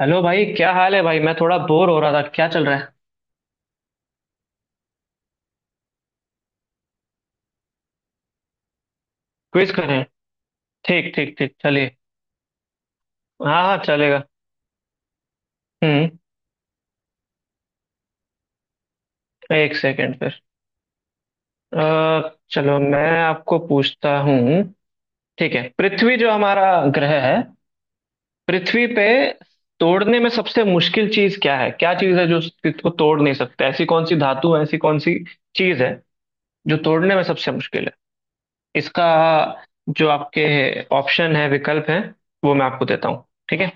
Hello भाई, क्या हाल है भाई। मैं थोड़ा बोर हो रहा था, क्या चल रहा है। क्विज करें? ठीक ठीक ठीक, चलिए। हाँ हाँ, चलेगा। हम्म एक सेकंड फिर। चलो मैं आपको पूछता हूँ। ठीक है, पृथ्वी जो हमारा ग्रह है, पृथ्वी पे तोड़ने में सबसे मुश्किल चीज क्या है? क्या चीज है जो इसको तोड़ नहीं सकते, ऐसी कौन सी धातु है, ऐसी कौन सी चीज है जो तोड़ने में सबसे मुश्किल है? इसका जो आपके ऑप्शन है, विकल्प है, वो मैं आपको देता हूँ, ठीक है।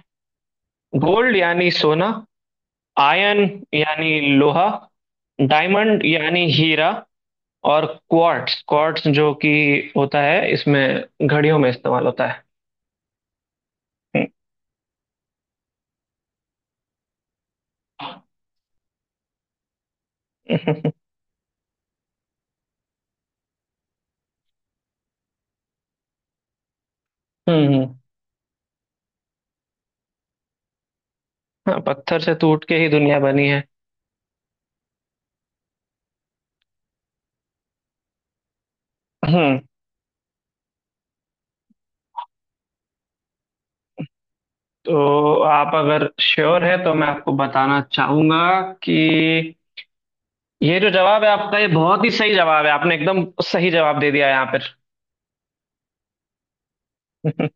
गोल्ड यानी सोना, आयन यानी लोहा, डायमंड यानी हीरा, और क्वार्ट्स। क्वार्ट्स जो कि होता है, इसमें घड़ियों में इस्तेमाल होता है। हम्म हम्म। हाँ, पत्थर से टूट के ही दुनिया बनी है। हम्म तो आप अगर श्योर है तो मैं आपको बताना चाहूंगा कि ये जो जवाब है आपका, ये बहुत ही सही जवाब है, आपने एकदम सही जवाब दे दिया है यहाँ पर।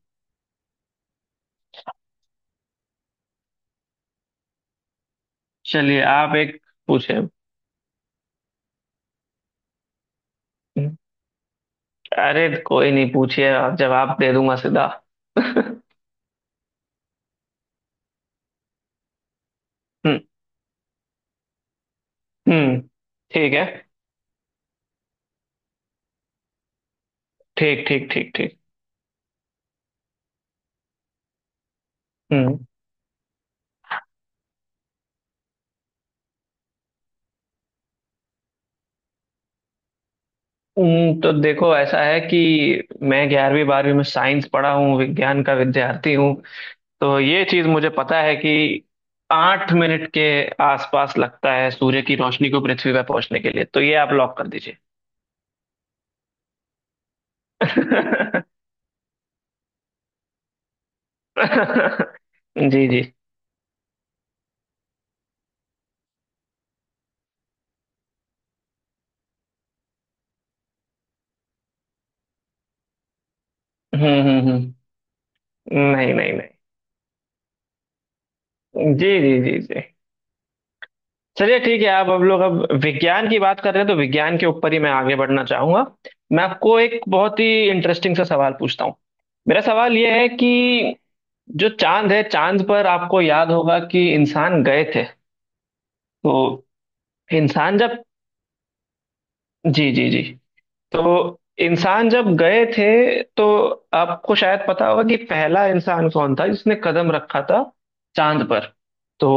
चलिए, आप एक पूछे। अरे कोई नहीं, पूछिए आप, जवाब दे दूंगा सीधा। हम्म हम्म। ठीक है। ठीक ठीक ठीक ठीक। हम्म तो देखो ऐसा है कि मैं 11वीं 12वीं में साइंस पढ़ा हूँ, विज्ञान का विद्यार्थी हूँ। तो ये चीज मुझे पता है कि 8 मिनट के आसपास लगता है सूर्य की रोशनी को पृथ्वी पर पहुंचने के लिए, तो ये आप लॉक कर दीजिए। जी जी। हम्म। नहीं नहीं नहीं। जी जी जी जी। चलिए ठीक है, आप, हम लोग अब विज्ञान की बात कर रहे हैं तो विज्ञान के ऊपर ही मैं आगे बढ़ना चाहूंगा। मैं आपको एक बहुत ही इंटरेस्टिंग सा सवाल पूछता हूँ। मेरा सवाल यह है कि जो चांद है, चांद पर आपको याद होगा कि इंसान गए थे। तो इंसान जब, जी जी जी, तो इंसान जब गए थे तो आपको शायद पता होगा कि पहला इंसान कौन था जिसने कदम रखा था चांद पर। तो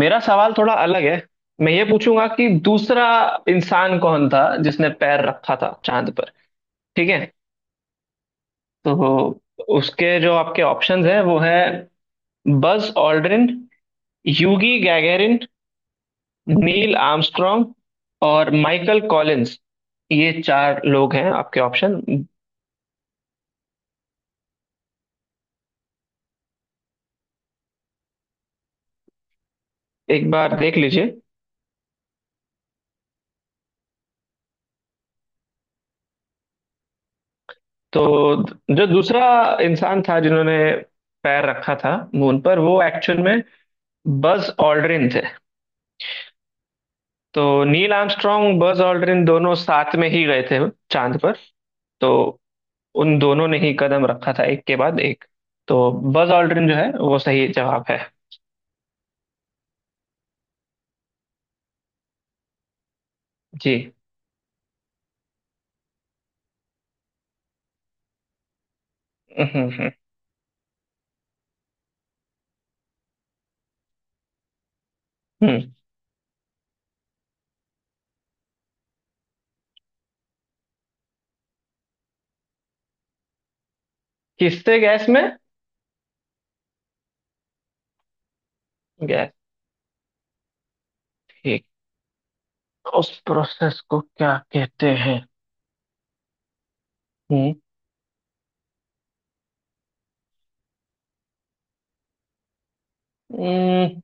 मेरा सवाल थोड़ा अलग है, मैं ये पूछूंगा कि दूसरा इंसान कौन था जिसने पैर रखा था चांद पर, ठीक है। तो उसके जो आपके ऑप्शंस हैं वो है, बज Aldrin, Yuri Gagarin, Neil Armstrong और माइकल कॉलिंस। ये चार लोग हैं आपके ऑप्शन, एक बार देख लीजिए। तो जो दूसरा इंसान था जिन्होंने पैर रखा था मून पर, वो एक्चुअल में बज ऑल्ड्रिन थे। तो नील आर्मस्ट्रॉन्ग, बज ऑल्ड्रिन दोनों साथ में ही गए थे चांद पर। तो उन दोनों ने ही कदम रखा था एक के बाद एक। तो बज ऑल्ड्रिन जो है वो सही जवाब है। जी। हम्म हम्म हम्म। किससे गैस में? गैस। ठीक। उस प्रोसेस को क्या कहते हैं? हम्म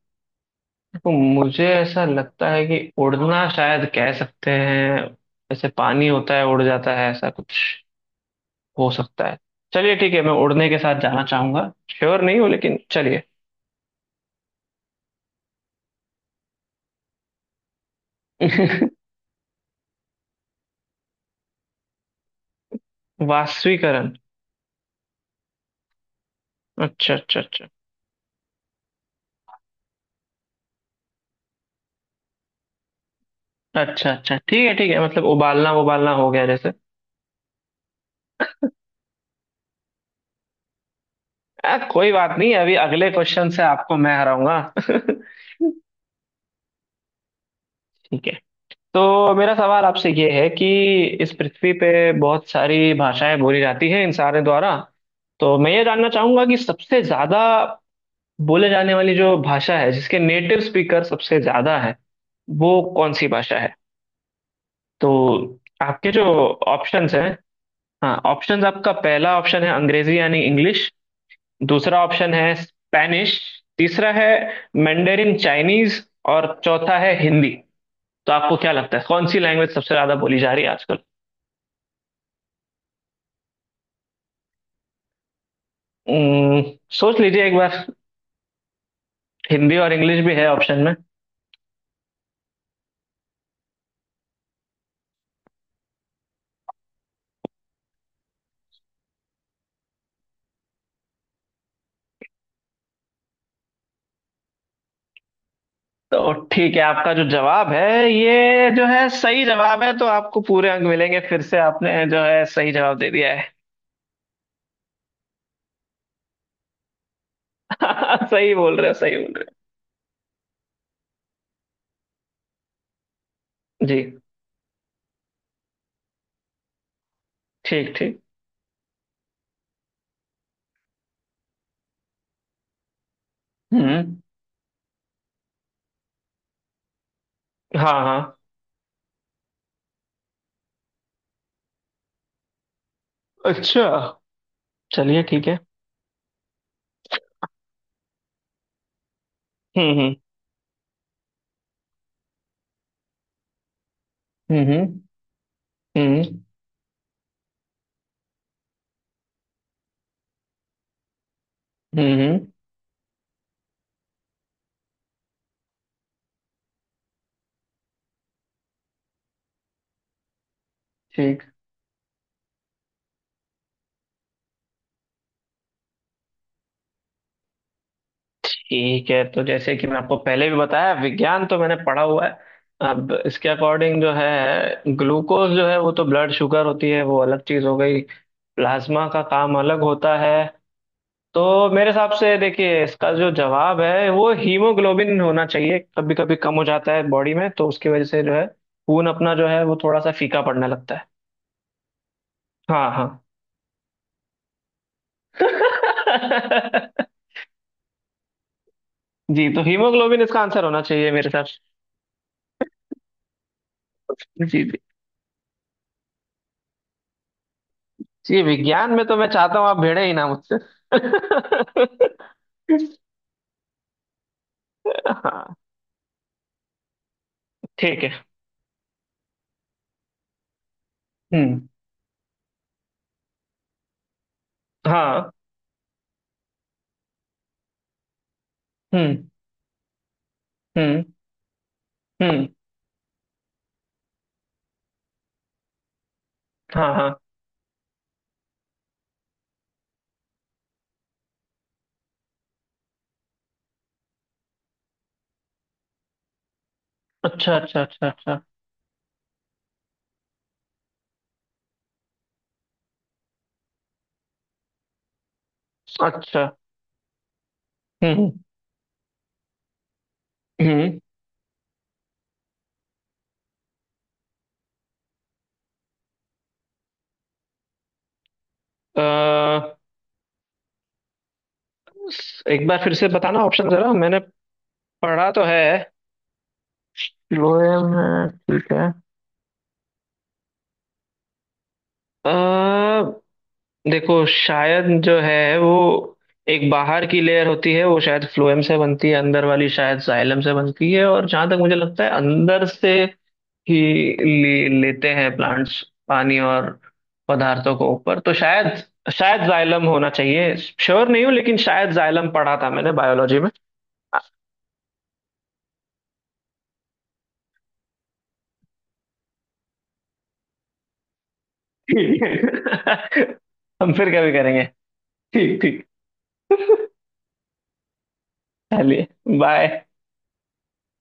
तो मुझे ऐसा लगता है कि उड़ना शायद कह सकते हैं। ऐसे पानी होता है, उड़ जाता है, ऐसा कुछ हो सकता है। चलिए ठीक है, मैं उड़ने के साथ जाना चाहूंगा, श्योर नहीं हूँ लेकिन चलिए। वाष्पीकरण? अच्छा अच्छा अच्छा अच्छा। अच्छा ठीक है ठीक है, मतलब उबालना, उबालना हो गया जैसे। कोई बात नहीं, अभी अगले क्वेश्चन से आपको मैं हराऊंगा। ठीक है। तो मेरा सवाल आपसे ये है कि इस पृथ्वी पे बहुत सारी भाषाएं बोली जाती हैं इंसानों द्वारा। तो मैं ये जानना चाहूंगा कि सबसे ज्यादा बोले जाने वाली जो भाषा है, जिसके नेटिव स्पीकर सबसे ज्यादा है, वो कौन सी भाषा है? तो आपके जो ऑप्शंस हैं, हाँ, ऑप्शंस। आपका पहला ऑप्शन है अंग्रेजी यानी इंग्लिश, दूसरा ऑप्शन है स्पेनिश, तीसरा है मैंडेरिन चाइनीज, और चौथा है हिंदी। तो आपको क्या लगता है कौन सी लैंग्वेज सबसे ज्यादा बोली जा रही है आजकल? उम्म, सोच लीजिए एक बार। हिंदी और इंग्लिश भी है ऑप्शन में। तो ठीक है, आपका जो जवाब है, ये जो है सही जवाब है, तो आपको पूरे अंक मिलेंगे। फिर से आपने जो है सही जवाब दे दिया है। सही बोल रहे हो, सही बोल रहे हो। जी। ठीक ठीक। हम्म हाँ हाँ अच्छा चलिए ठीक है। हम्म हम्म हम्म हम्म हम्म। ठीक। ठीक है, तो जैसे कि मैं आपको पहले भी बताया, विज्ञान तो मैंने पढ़ा हुआ है। अब इसके अकॉर्डिंग, जो है ग्लूकोज जो है, वो तो ब्लड शुगर होती है, वो अलग चीज हो गई। प्लाज्मा का काम अलग होता है। तो मेरे हिसाब से देखिए, इसका जो जवाब है वो हीमोग्लोबिन होना चाहिए। कभी कभी कम हो जाता है बॉडी में, तो उसकी वजह से जो है, खून अपना जो है, वो थोड़ा सा फीका पड़ने लगता है। हाँ हाँ। जी। तो हीमोग्लोबिन इसका आंसर होना चाहिए मेरे हिसाब से। जी। जी, विज्ञान में तो मैं चाहता हूँ आप भिड़े ही ना मुझसे। हाँ ठीक है। हम्म हाँ हम्म हम्म हम्म हाँ हाँ अच्छा अच्छा अच्छा अच्छा अच्छा। हम्म हम्म। अ, एक बार फिर से बताना ऑप्शन, जरा मैंने पढ़ा तो है। लोहे में, ठीक है। अ, देखो शायद जो है वो एक बाहर की लेयर होती है, वो शायद फ्लोएम से बनती है, अंदर वाली शायद जाइलम से बनती है, और जहां तक मुझे लगता है अंदर से ही लेते हैं प्लांट्स पानी और पदार्थों को ऊपर। तो शायद, शायद जाइलम होना चाहिए, श्योर नहीं हूँ लेकिन शायद जाइलम पढ़ा था मैंने बायोलॉजी में। ठीक है। हम फिर कभी करेंगे। ठीक ठीक, चलिए, बाय।